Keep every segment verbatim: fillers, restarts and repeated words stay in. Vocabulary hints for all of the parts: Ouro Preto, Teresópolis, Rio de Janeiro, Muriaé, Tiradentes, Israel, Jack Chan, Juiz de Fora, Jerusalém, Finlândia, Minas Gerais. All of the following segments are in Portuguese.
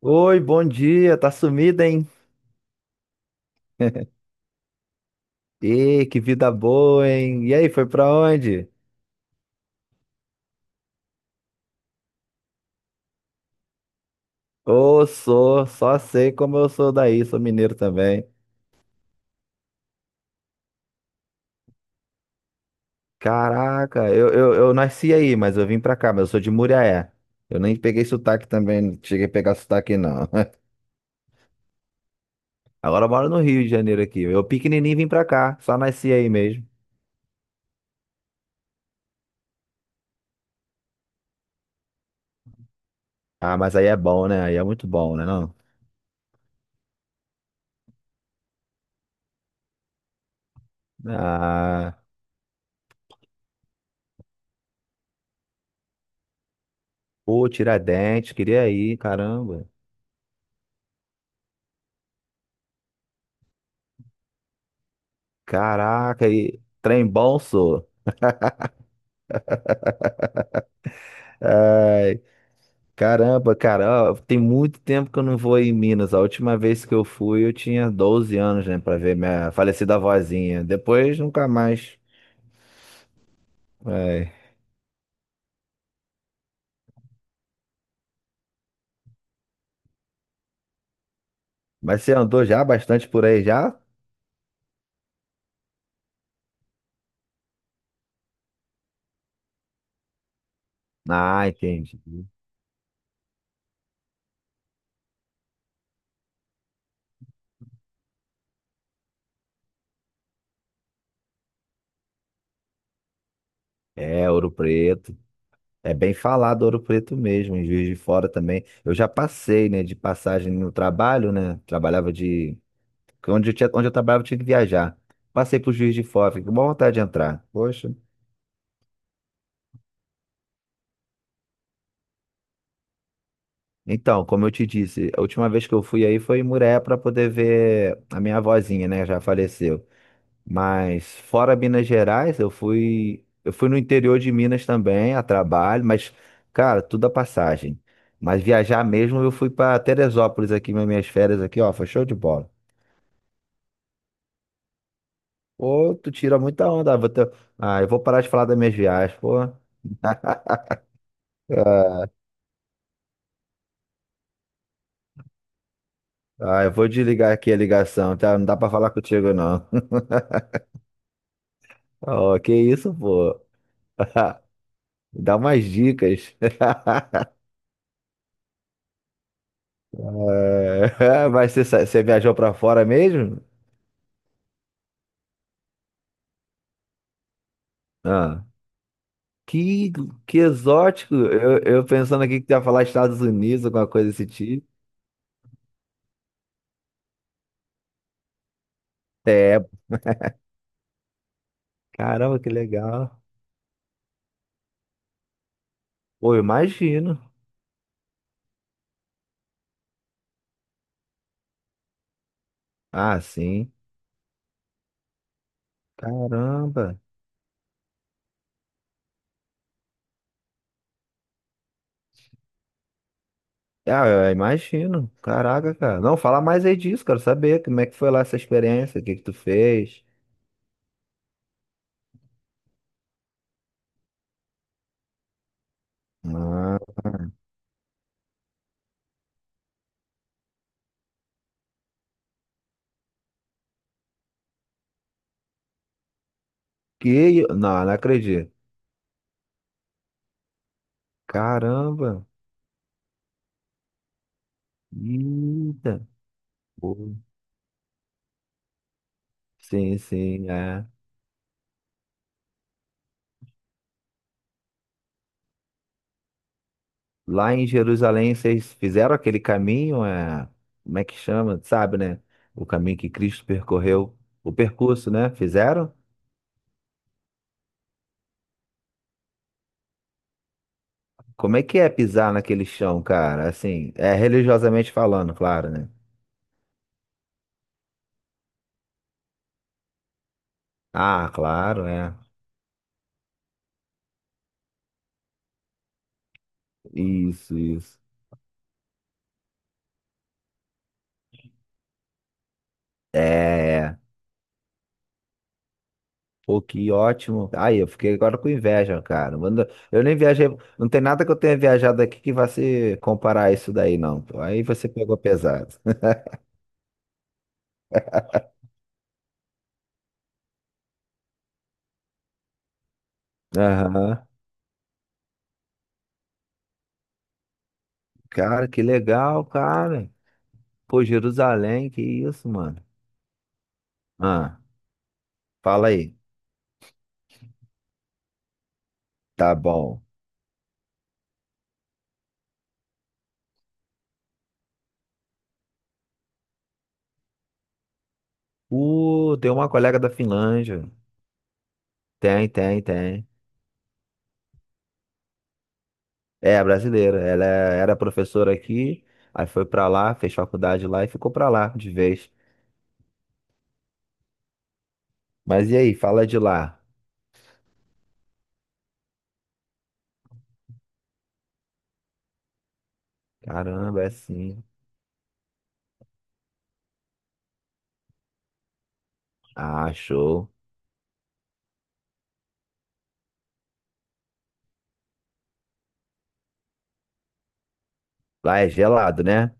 Oi, bom dia, tá sumida, hein? Ih, que vida boa, hein? E aí, foi pra onde? Ô, sou, só sei como eu sou daí, sou mineiro também. Caraca, eu, eu, eu nasci aí, mas eu vim pra cá, mas eu sou de Muriaé. Eu nem peguei sotaque também, não cheguei a pegar sotaque não. Agora eu moro no Rio de Janeiro aqui. Eu pequenininho vim pra cá, só nasci aí mesmo. Ah, mas aí é bom, né? Aí é muito bom, né não? Ah, pô, Tiradentes, queria ir, caramba. Caraca, e trem bom, sou. Ai, caramba, cara, ó, tem muito tempo que eu não vou em Minas. A última vez que eu fui, eu tinha doze anos, né, pra ver minha falecida avózinha. Depois, nunca mais. Ai. Mas você andou já bastante por aí já? Ah, entendi. É, Ouro Preto. É bem falado Ouro Preto mesmo, em Juiz de Fora também. Eu já passei, né, de passagem no trabalho, né? Trabalhava de que onde eu tinha, onde eu trabalhava, eu tinha que viajar. Passei pro Juiz de Fora, fiquei com boa vontade de entrar. Poxa. Então, como eu te disse, a última vez que eu fui aí foi em Muré para poder ver a minha avózinha, né? Já faleceu. Mas fora Minas Gerais, eu fui, eu fui no interior de Minas também, a trabalho, mas, cara, tudo a passagem. Mas viajar mesmo, eu fui para Teresópolis aqui, nas minhas férias aqui, ó, foi show de bola. Pô, tu tira muita onda. ah, Vou ter... Ah, eu vou parar de falar das minhas viagens, pô. Ah, Ah, eu vou desligar aqui a ligação, tá? Não dá pra falar contigo, não. Oh, que isso, pô? Dá umas dicas. É, mas você, sa- você viajou pra fora mesmo? Ah, que, que exótico. Eu, eu pensando aqui que tu ia falar Estados Unidos, alguma coisa desse tipo. É, caramba, que legal. Pô, eu imagino. Ah, sim. Caramba. Ah, eu imagino. Caraca, cara. Não, fala mais aí disso, quero saber como é que foi lá essa experiência, o que que tu fez. Ah, que... Não, não acredito. Caramba. Eita. Pô, sim, sim, é. Lá em Jerusalém, vocês fizeram aquele caminho, é... como é que chama? Sabe, né? O caminho que Cristo percorreu. O percurso, né? Fizeram? Como é que é pisar naquele chão, cara? Assim, é religiosamente falando, claro, né? Ah, claro, é. Isso, isso. É. É. Pô, que ótimo. Aí, eu fiquei agora com inveja, cara. Manda- Eu nem viajei. Não tem nada que eu tenha viajado aqui que vá se comparar a isso daí, não. Pô. Aí você pegou pesado. Aham. Cara, que legal, cara. Pô, Jerusalém, que isso, mano. Ah, fala aí. Tá bom. Uh, tem uma colega da Finlândia. Tem, tem, tem. É, brasileira. Ela é- era professora aqui, aí foi pra lá, fez faculdade lá e ficou pra lá de vez. Mas e aí, fala de lá. Caramba, é assim. Ah, show. Lá é gelado, né?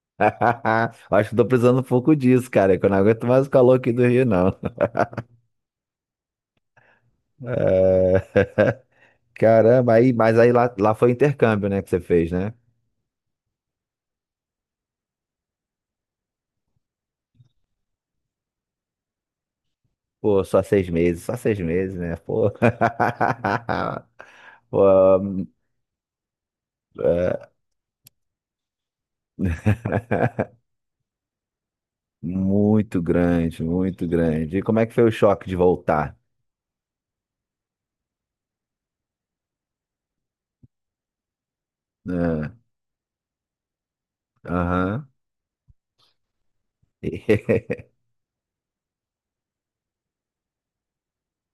Acho que tô precisando um pouco disso, cara, é que eu não aguento mais o calor aqui do Rio, não. É, caramba, aí, mas aí lá, lá foi intercâmbio, né, que você fez, né? Pô, só seis meses, só seis meses, né? Pô. Pô, é, muito grande, muito grande. E como é que foi o choque de voltar? Ah, aham.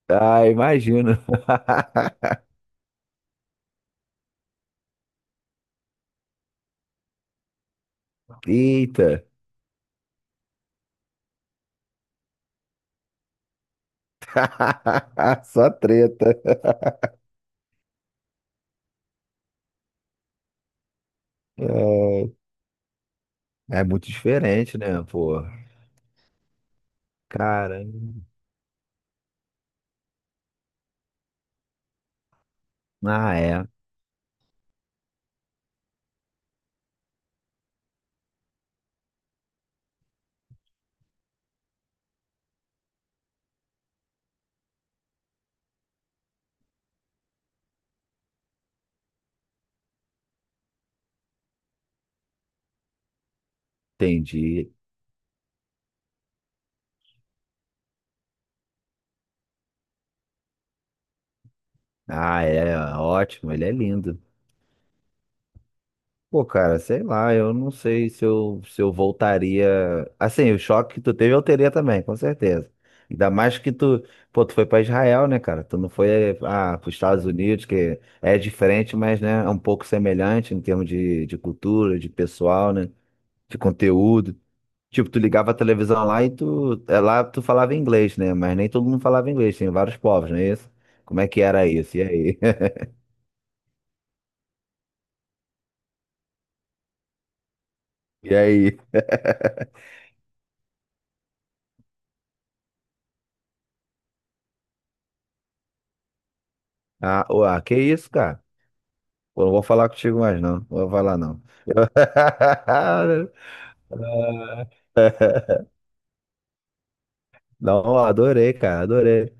Ah, imagino. Eita. Só treta. É, é muito diferente, né, pô? Cara, ah, é, entendi. Ah, é, ótimo, ele é lindo. Pô, cara, sei lá, eu não sei se eu, se eu voltaria. Assim, o choque que tu teve eu teria também, com certeza. Ainda mais que tu, pô, tu foi pra Israel, né, cara? Tu não foi, ah, pros Estados Unidos, que é diferente, mas, né, é um pouco semelhante em termos de, de cultura, de pessoal, né, de conteúdo. Tipo, tu ligava a televisão lá e tu, é, lá tu falava inglês, né? Mas nem todo mundo falava inglês, tinha vários povos, não é isso? Como é que era isso? E aí? E aí? Ah, uá, que isso, cara? Pô, não vou falar contigo mais, não. Não vou falar, não. Não, adorei, cara, adorei.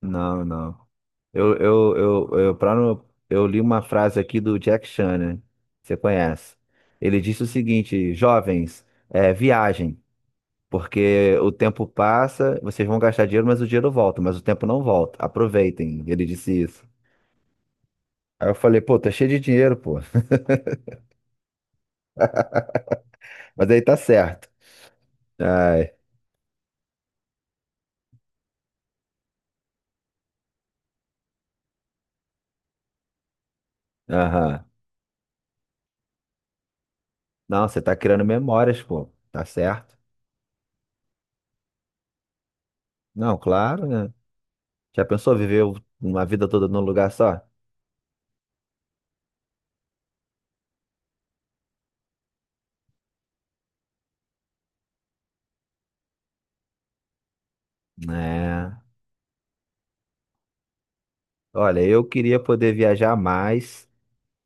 Não, não. Eu, eu, eu, eu, pra não- eu li uma frase aqui do Jack Chan, né? Você conhece. Ele disse o seguinte, jovens, é, viajem. Porque o tempo passa, vocês vão gastar dinheiro, mas o dinheiro volta, mas o tempo não volta. Aproveitem. Ele disse isso. Aí eu falei, pô, tá cheio de dinheiro, pô. Mas aí tá certo. Ai, aham. Não, você tá criando memórias, pô. Tá certo. Não, claro, né? Já pensou viver uma vida toda num lugar só? É. Olha, eu queria poder viajar mais.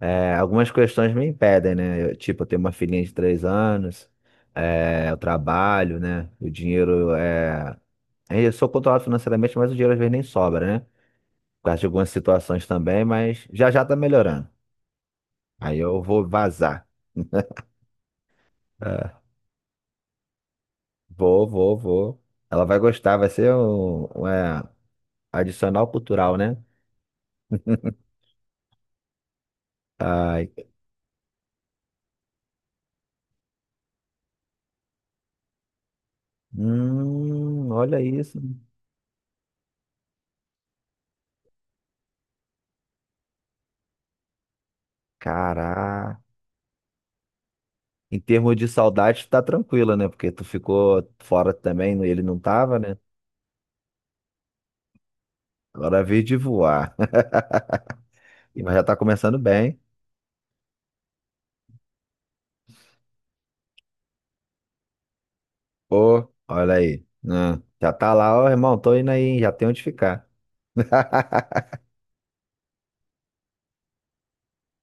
É, algumas questões me impedem, né? Eu, tipo, eu tenho uma filhinha de três anos, é, eu trabalho, né? O dinheiro é. É, eu sou controlado financeiramente, mas o dinheiro às vezes nem sobra, né? Por causa de algumas situações também, mas já já tá melhorando. Aí eu vou vazar. É, vou, vou, vou. Ela vai gostar, vai ser um, um, é, adicional cultural, né? Ai, hum, olha isso. Caraca. Em termos de saudade, tá tranquila, né? Porque tu ficou fora também, ele não tava, né? Agora veio de voar. Mas já tá começando bem. Ô, olha aí. Ah, já tá lá, ó, irmão, tô indo aí, hein? Já tem onde ficar.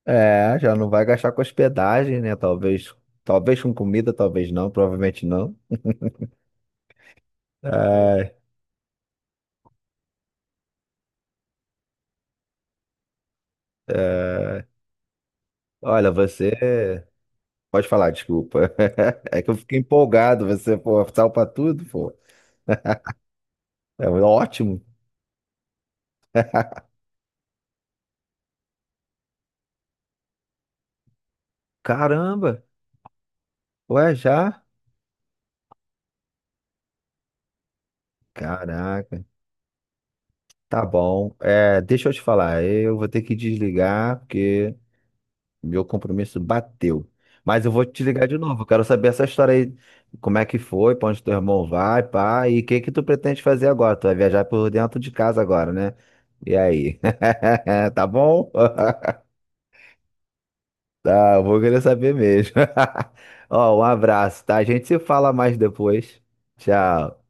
É, já não vai gastar com hospedagem, né? Talvez, talvez com comida, talvez não, provavelmente não. Ai, olha, você. Pode falar, desculpa. É que eu fiquei empolgado, você, pô, salpa tudo, pô. É ótimo. Caramba, ué, já? Caraca, tá bom. É, deixa eu te falar, eu vou ter que desligar porque meu compromisso bateu. Mas eu vou te ligar de novo. Eu quero saber essa história aí, como é que foi, pra onde teu irmão vai, pá, e o que que tu pretende fazer agora? Tu vai viajar por dentro de casa agora, né? E aí? Tá bom? Tá, eu vou querer saber mesmo. Ó, um abraço, tá? A gente se fala mais depois. Tchau.